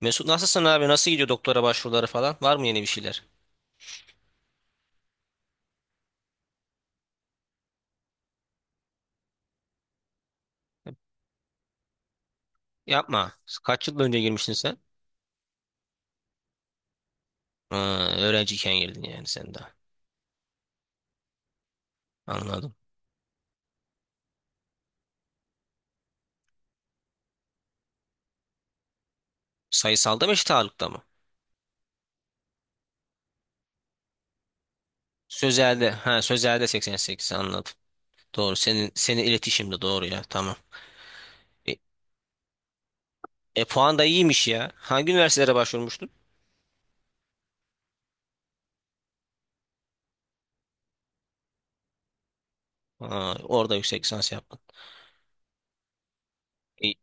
Mesut nasılsın abi? Nasıl gidiyor doktora başvuruları falan? Var mı yeni bir şeyler? Yapma. Kaç yıl önce girmiştin sen? Ha, öğrenciyken girdin yani sen daha. Anladım. Sayısalda mı eşit ağırlıkta mı? Sözelde. Ha sözelde 88 anladım. Doğru. Senin iletişimde doğru ya. Tamam. E, Puan da iyiymiş ya. Hangi üniversitelere başvurmuştun? Ha, orada yüksek lisans yaptın. E,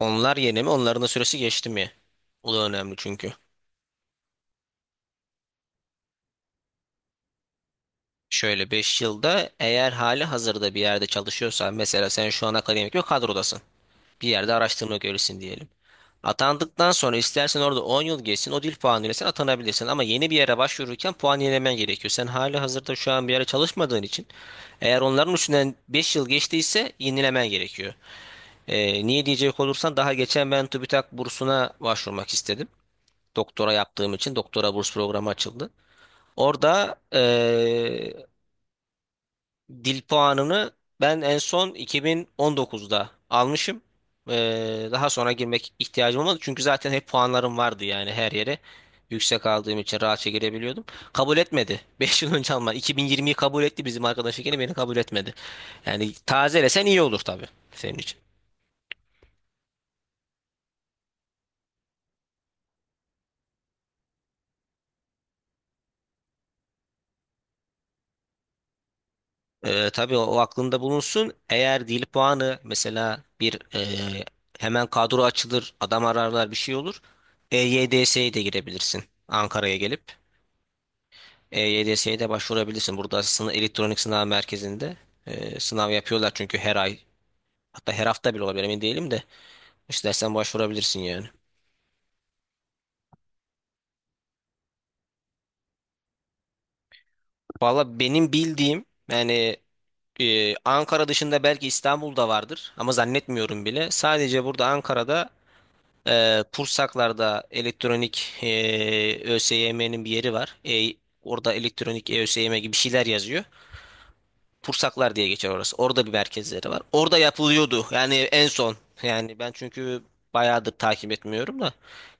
Onlar yeni mi? Onların da süresi geçti mi? O da önemli çünkü. Şöyle 5 yılda eğer hali hazırda bir yerde çalışıyorsan mesela sen şu an akademik bir kadrodasın. Bir yerde araştırma görevlisin diyelim. Atandıktan sonra istersen orada 10 yıl geçsin o dil puanıyla sen atanabilirsin. Ama yeni bir yere başvururken puan yenilemen gerekiyor. Sen hali hazırda şu an bir yere çalışmadığın için eğer onların üstünden 5 yıl geçtiyse yenilemen gerekiyor. Niye diyecek olursan daha geçen ben TÜBİTAK bursuna başvurmak istedim. Doktora yaptığım için doktora burs programı açıldı. Orada dil puanını ben en son 2019'da almışım. Daha sonra girmek ihtiyacım olmadı. Çünkü zaten hep puanlarım vardı yani her yere. Yüksek aldığım için rahatça girebiliyordum. Kabul etmedi. 5 yıl önce Alman. 2020'yi kabul etti bizim arkadaş yine beni kabul etmedi. Yani tazelesen iyi olur tabii senin için. Tabii o aklında bulunsun. Eğer dil puanı mesela bir e, hemen kadro açılır, adam ararlar bir şey olur. EYDS'ye de girebilirsin Ankara'ya gelip. EYDS'ye de başvurabilirsin. Burada sınav, elektronik sınav merkezinde sınav yapıyorlar çünkü her ay, hatta her hafta bile olabilir, emin değilim de istersen başvurabilirsin yani. Valla benim bildiğim yani Ankara dışında belki İstanbul'da vardır ama zannetmiyorum bile. Sadece burada Ankara'da Pursaklar'da elektronik, ÖSYM'nin bir yeri var. Orada elektronik ÖSYM gibi bir şeyler yazıyor. Tursaklar diye geçer orası. Orada bir merkezleri var. Orada yapılıyordu. Yani en son. Yani ben çünkü bayağıdır takip etmiyorum da.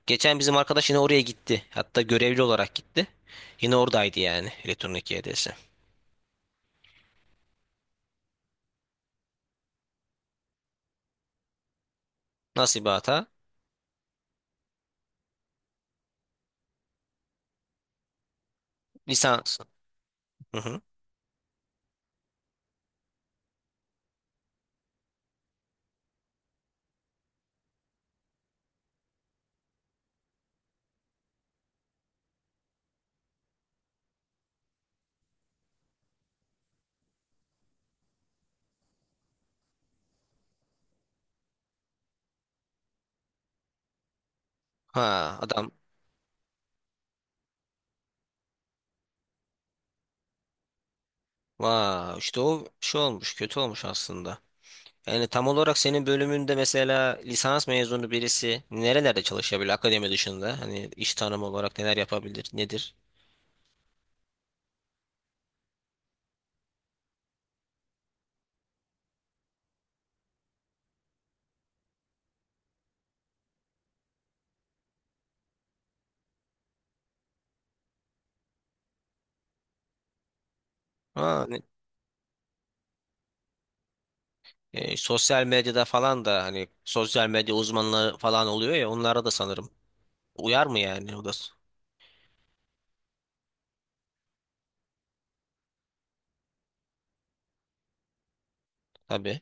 Geçen bizim arkadaş yine oraya gitti. Hatta görevli olarak gitti. Yine oradaydı yani elektronik YDS. Nasıl bir hata? Lisans. Hı hı. Ha adam. Vaa işte o şey olmuş, kötü olmuş aslında. Yani tam olarak senin bölümünde mesela lisans mezunu birisi nerelerde çalışabilir akademi dışında? Hani iş tanımı olarak neler yapabilir, nedir? Ha. Sosyal medyada falan da hani sosyal medya uzmanları falan oluyor ya, onlara da sanırım. Uyar mı yani, tabii.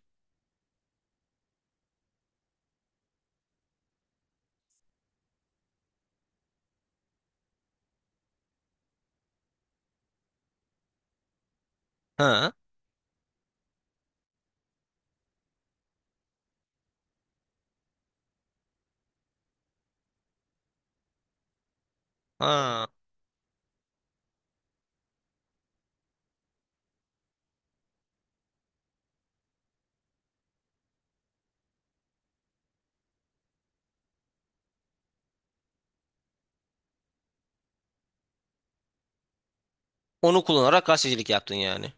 Ha ha. Onu kullanarak gazetecilik yaptın yani.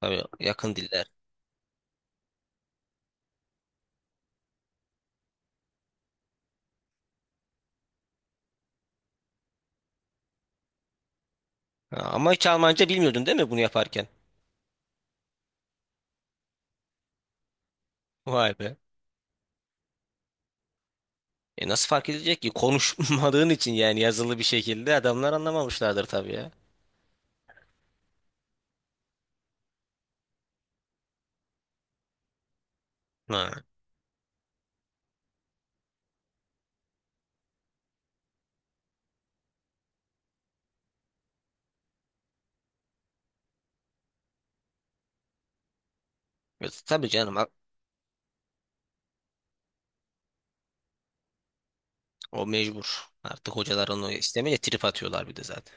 Tabii, yakın diller. Ha, ama hiç Almanca bilmiyordun değil mi bunu yaparken? Vay be. E nasıl fark edilecek ki? Konuşmadığın için yani yazılı bir şekilde adamlar anlamamışlardır tabii ya. Ha. Tabii canım, o mecbur. Artık hocalar onu istemeye trip atıyorlar bir de zaten.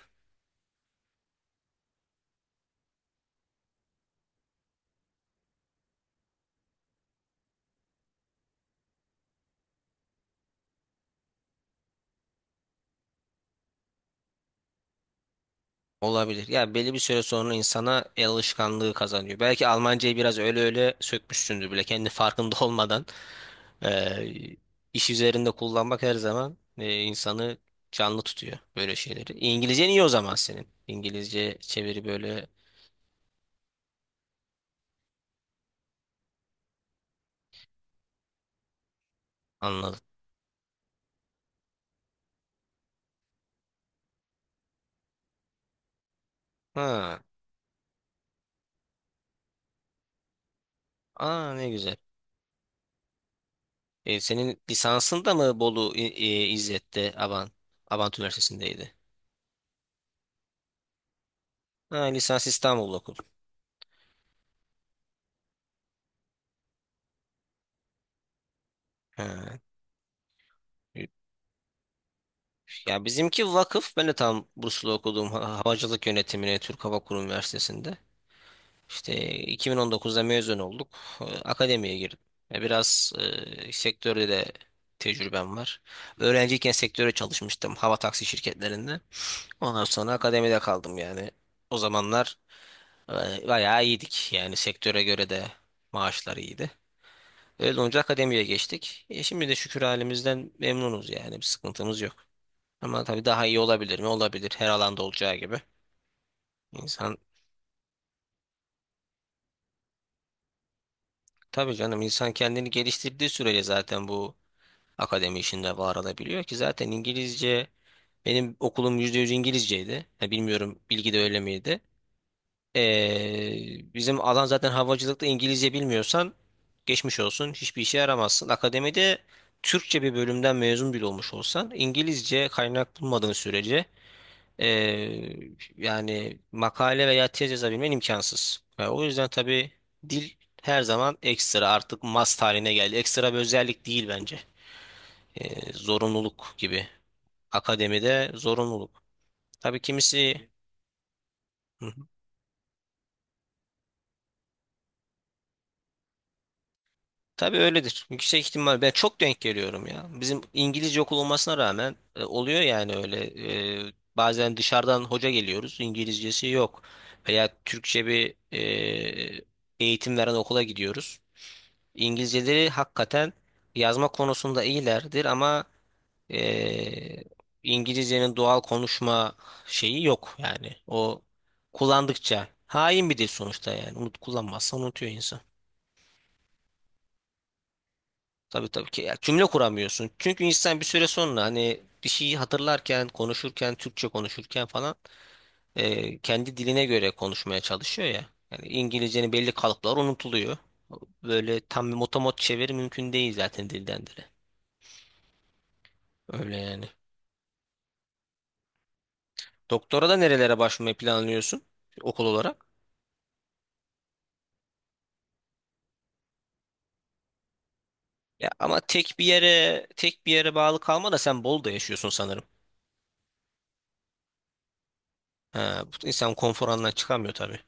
Olabilir. Ya belli bir süre sonra insana el alışkanlığı kazanıyor. Belki Almancayı biraz öyle öyle sökmüşsündür bile kendi farkında olmadan, eee, iş üzerinde kullanmak her zaman insanı canlı tutuyor böyle şeyleri. İngilizcen iyi o zaman senin. İngilizce çeviri böyle, anladım. Ha, aa ne güzel. E, senin lisansın da mı Bolu İzzet'te Abant Üniversitesi'ndeydi? Ha, lisans İstanbul'da okudun. Ha. Ya bizimki vakıf. Ben de tam burslu okuduğum havacılık yönetimine Türk Hava Kurum Üniversitesi'nde. İşte 2019'da mezun olduk. Akademiye girdim. Ya biraz sektörde de tecrübem var. Öğrenciyken sektöre çalışmıştım hava taksi şirketlerinde. Ondan sonra akademide kaldım yani. O zamanlar bayağı iyiydik. Yani sektöre göre de maaşlar iyiydi. Öyle olunca akademiye geçtik. Şimdi de şükür halimizden memnunuz yani bir sıkıntımız yok. Ama tabii daha iyi olabilir mi? Olabilir. Her alanda olacağı gibi. İnsan tabii canım, insan kendini geliştirdiği sürece zaten bu akademi işinde var olabiliyor ki zaten İngilizce, benim okulum %100 İngilizceydi. Ha, bilmiyorum bilgi de öyle miydi? Bizim alan zaten havacılıkta İngilizce bilmiyorsan geçmiş olsun, hiçbir işe yaramazsın. Akademide Türkçe bir bölümden mezun bile olmuş olsan İngilizce kaynak bulmadığın sürece Ee, yani makale veya tez yazabilmen imkansız. Yani o yüzden tabii dil her zaman ekstra, artık must haline geldi. Ekstra bir özellik değil bence. Zorunluluk gibi. Akademide zorunluluk. Tabii kimisi. Hı hı. Tabii öyledir. Yüksek ihtimal ben çok denk geliyorum ya. Bizim İngilizce okul olmasına rağmen oluyor yani öyle. Bazen dışarıdan hoca geliyoruz. İngilizcesi yok. Veya Türkçe bir eğitim veren okula gidiyoruz. İngilizceleri hakikaten yazma konusunda iyilerdir ama eee, İngilizcenin doğal konuşma şeyi yok yani. O kullandıkça hain bir dil sonuçta yani. Unut kullanmazsa unutuyor insan. Tabii, tabii ki ya, cümle kuramıyorsun. Çünkü insan bir süre sonra hani bir şeyi hatırlarken, konuşurken, Türkçe konuşurken falan, kendi diline göre konuşmaya çalışıyor ya. Yani İngilizcenin belli kalıpları unutuluyor. Böyle tam bir motomot çeviri mümkün değil zaten dilden dile. Öyle yani. Doktora da nerelere başvurmayı planlıyorsun okul olarak? Ya ama tek bir yere bağlı kalma da sen Bolu'da yaşıyorsun sanırım. Ha, bu insan konfor alanından çıkamıyor tabii.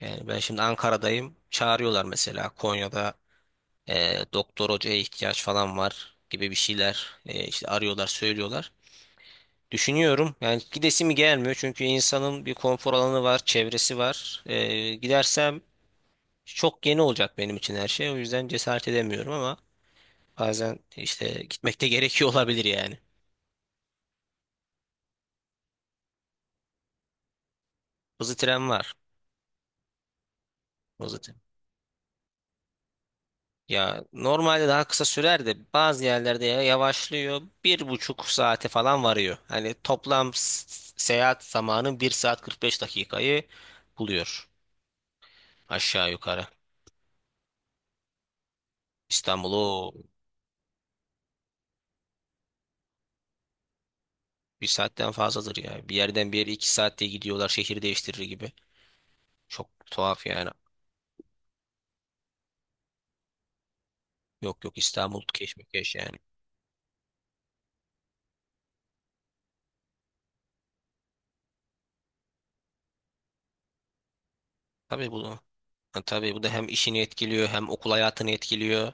Yani ben şimdi Ankara'dayım. Çağırıyorlar mesela Konya'da doktor hocaya ihtiyaç falan var gibi bir şeyler, işte arıyorlar söylüyorlar. Düşünüyorum yani gidesi mi gelmiyor çünkü insanın bir konfor alanı var, çevresi var. E, gidersem çok yeni olacak benim için her şey, o yüzden cesaret edemiyorum ama. Bazen işte gitmekte gerekiyor olabilir yani. Hızlı tren var. Hızlı tren. Ya normalde daha kısa sürer de bazı yerlerde yavaşlıyor. Bir buçuk saate falan varıyor. Hani toplam seyahat zamanı bir saat 45 dakikayı buluyor. Aşağı yukarı. İstanbul'u bir saatten fazladır ya. Bir yerden bir yere iki saatte gidiyorlar şehir değiştirir gibi. Çok tuhaf yani. Yok yok, İstanbul keşmekeş yani. Tabii bu, tabii bu da hem işini etkiliyor hem okul hayatını etkiliyor.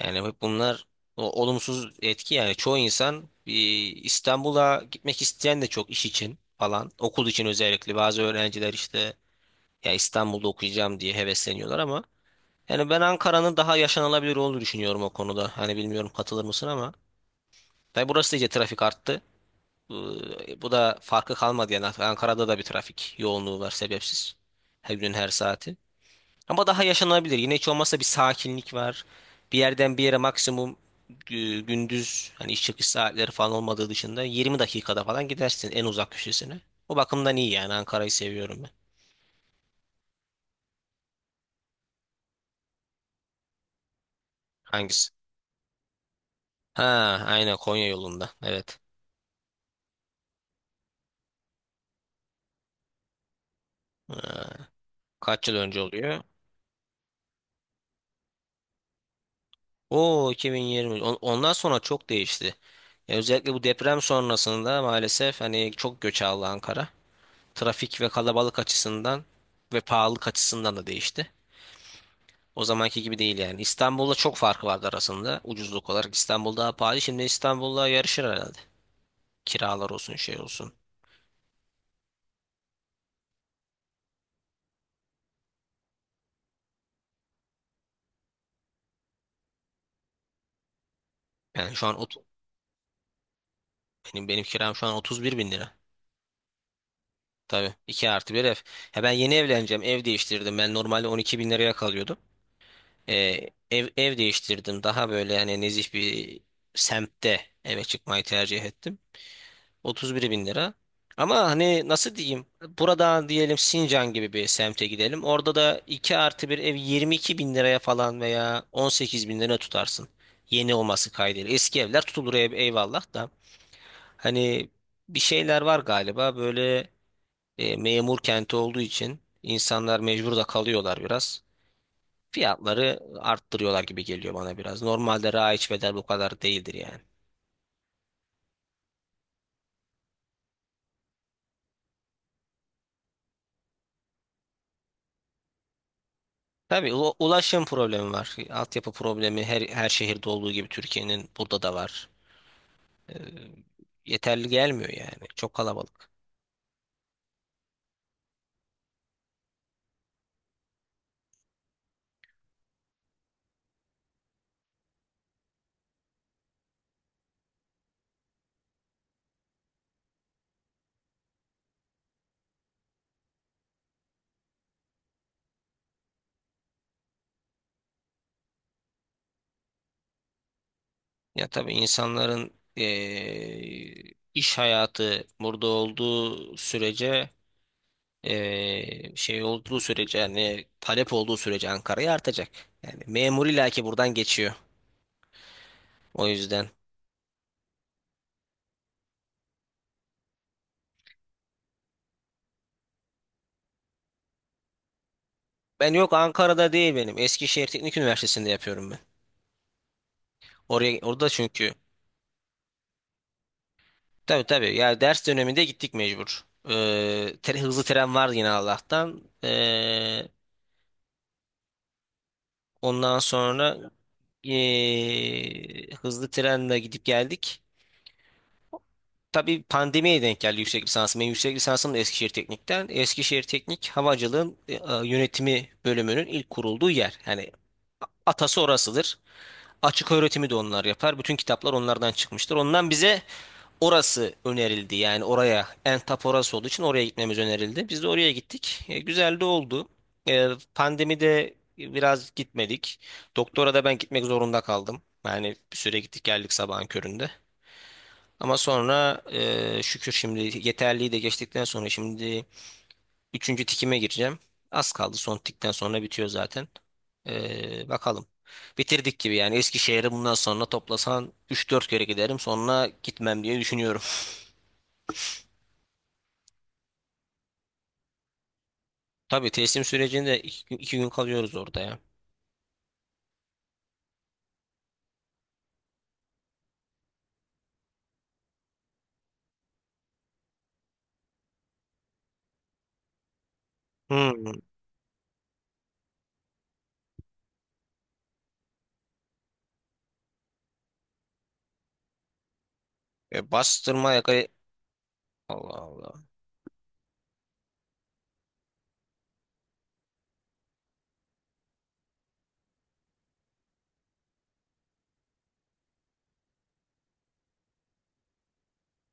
Yani hep bunlar olumsuz etki yani çoğu insan bir İstanbul'a gitmek isteyen de çok, iş için falan, okul için özellikle, bazı öğrenciler işte ya İstanbul'da okuyacağım diye hevesleniyorlar ama yani ben Ankara'nın daha yaşanılabilir olduğunu düşünüyorum o konuda. Hani bilmiyorum katılır mısın ama tabii burası da iyice trafik arttı. Bu da farkı kalmadı yani Ankara'da da bir trafik yoğunluğu var sebepsiz. Her gün her saati. Ama daha yaşanabilir. Yine hiç olmazsa bir sakinlik var. Bir yerden bir yere maksimum gündüz hani iş çıkış saatleri falan olmadığı dışında 20 dakikada falan gidersin en uzak köşesine. O bakımdan iyi yani Ankara'yı seviyorum ben. Hangisi? Ha, aynen Konya yolunda. Evet. Kaç yıl önce oluyor? Oo 2020. Ondan sonra çok değişti. Ya özellikle bu deprem sonrasında maalesef hani çok göç aldı Ankara. Trafik ve kalabalık açısından ve pahalılık açısından da değişti. O zamanki gibi değil yani. İstanbul'la çok farkı vardı arasında. Ucuzluk olarak İstanbul daha pahalı. Şimdi İstanbul'la yarışır herhalde. Kiralar olsun şey olsun. Yani şu an benim kiram şu an 31 bin lira. Tabii 2 artı bir ev. Ya ben yeni evleneceğim. Ev değiştirdim. Ben normalde 12 bin liraya kalıyordum. Ee, ev değiştirdim. Daha böyle yani nezih bir semtte eve çıkmayı tercih ettim. 31 bin lira. Ama hani nasıl diyeyim? Buradan diyelim Sincan gibi bir semte gidelim. Orada da 2 artı bir ev 22 bin liraya falan veya 18 bin lira tutarsın. Yeni olması kaydıyla. Eski evler tutulur ev, eyvallah da. Hani bir şeyler var galiba böyle, memur kenti olduğu için insanlar mecbur da kalıyorlar biraz. Fiyatları arttırıyorlar gibi geliyor bana biraz. Normalde raiç bedel bu kadar değildir yani. Tabii ulaşım problemi var. Altyapı problemi her şehirde olduğu gibi Türkiye'nin burada da var. Ee, Yeterli gelmiyor yani. Çok kalabalık. Ya tabii insanların iş hayatı burada olduğu sürece şey olduğu sürece yani talep olduğu sürece Ankara'ya artacak. Yani memur illa ki buradan geçiyor. O yüzden. Ben yok, Ankara'da değil benim. Eskişehir Teknik Üniversitesi'nde yapıyorum ben. Oraya, orada çünkü tabii, tabii. Yani ders döneminde gittik mecbur. Hızlı tren var yine Allah'tan. Ondan sonra hızlı trenle gidip geldik. Tabii pandemiye denk geldi yüksek lisansım. Benim yüksek lisansım da Eskişehir Teknik'ten. Eskişehir Teknik Havacılığın yönetimi bölümünün ilk kurulduğu yer. Yani atası orasıdır. Açık öğretimi de onlar yapar. Bütün kitaplar onlardan çıkmıştır. Ondan bize orası önerildi yani, oraya en tap orası olduğu için oraya gitmemiz önerildi. Biz de oraya gittik. E, güzel de oldu. E, pandemide biraz gitmedik. Doktora da ben gitmek zorunda kaldım. Yani bir süre gittik geldik sabahın köründe. Ama sonra şükür şimdi yeterliği de geçtikten sonra şimdi üçüncü tikime gireceğim. Az kaldı, son tikten sonra bitiyor zaten. E, bakalım. Bitirdik gibi yani Eskişehir'e bundan sonra toplasan üç dört kere giderim sonra gitmem diye düşünüyorum. Tabii teslim sürecinde iki gün kalıyoruz orada ya. Hmm. E, bastırma yakayı... Allah Allah.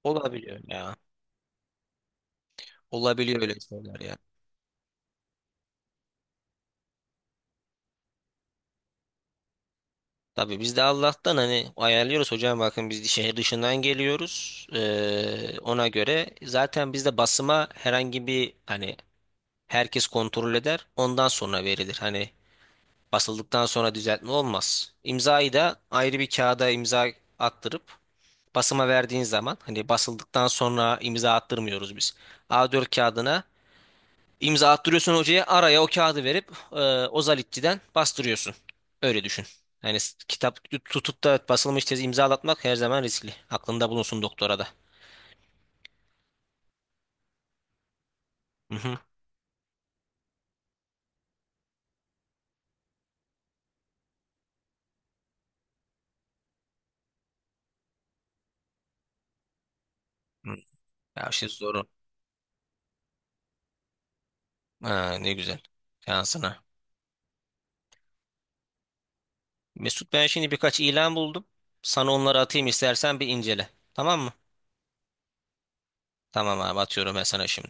Olabiliyor ya. Olabiliyor öyle şeyler ya. Tabii biz de Allah'tan hani ayarlıyoruz, hocam bakın biz şehir dışından geliyoruz. Ona göre zaten bizde basıma herhangi bir hani herkes kontrol eder. Ondan sonra verilir. Hani basıldıktan sonra düzeltme olmaz. İmzayı da ayrı bir kağıda imza attırıp, basıma verdiğin zaman hani basıldıktan sonra imza attırmıyoruz biz. A4 kağıdına imza attırıyorsun hocaya, araya o kağıdı verip Ozalitçi'den bastırıyorsun. Öyle düşün. Yani kitap tutup da basılmış tezi imzalatmak her zaman riskli. Aklında bulunsun doktora da. Hı hı. Hı. Ya şey zoru. Ha, ne güzel. Şansına. Mesut, ben şimdi birkaç ilan buldum. Sana onları atayım, istersen bir incele. Tamam mı? Tamam abi, atıyorum ben sana şimdi.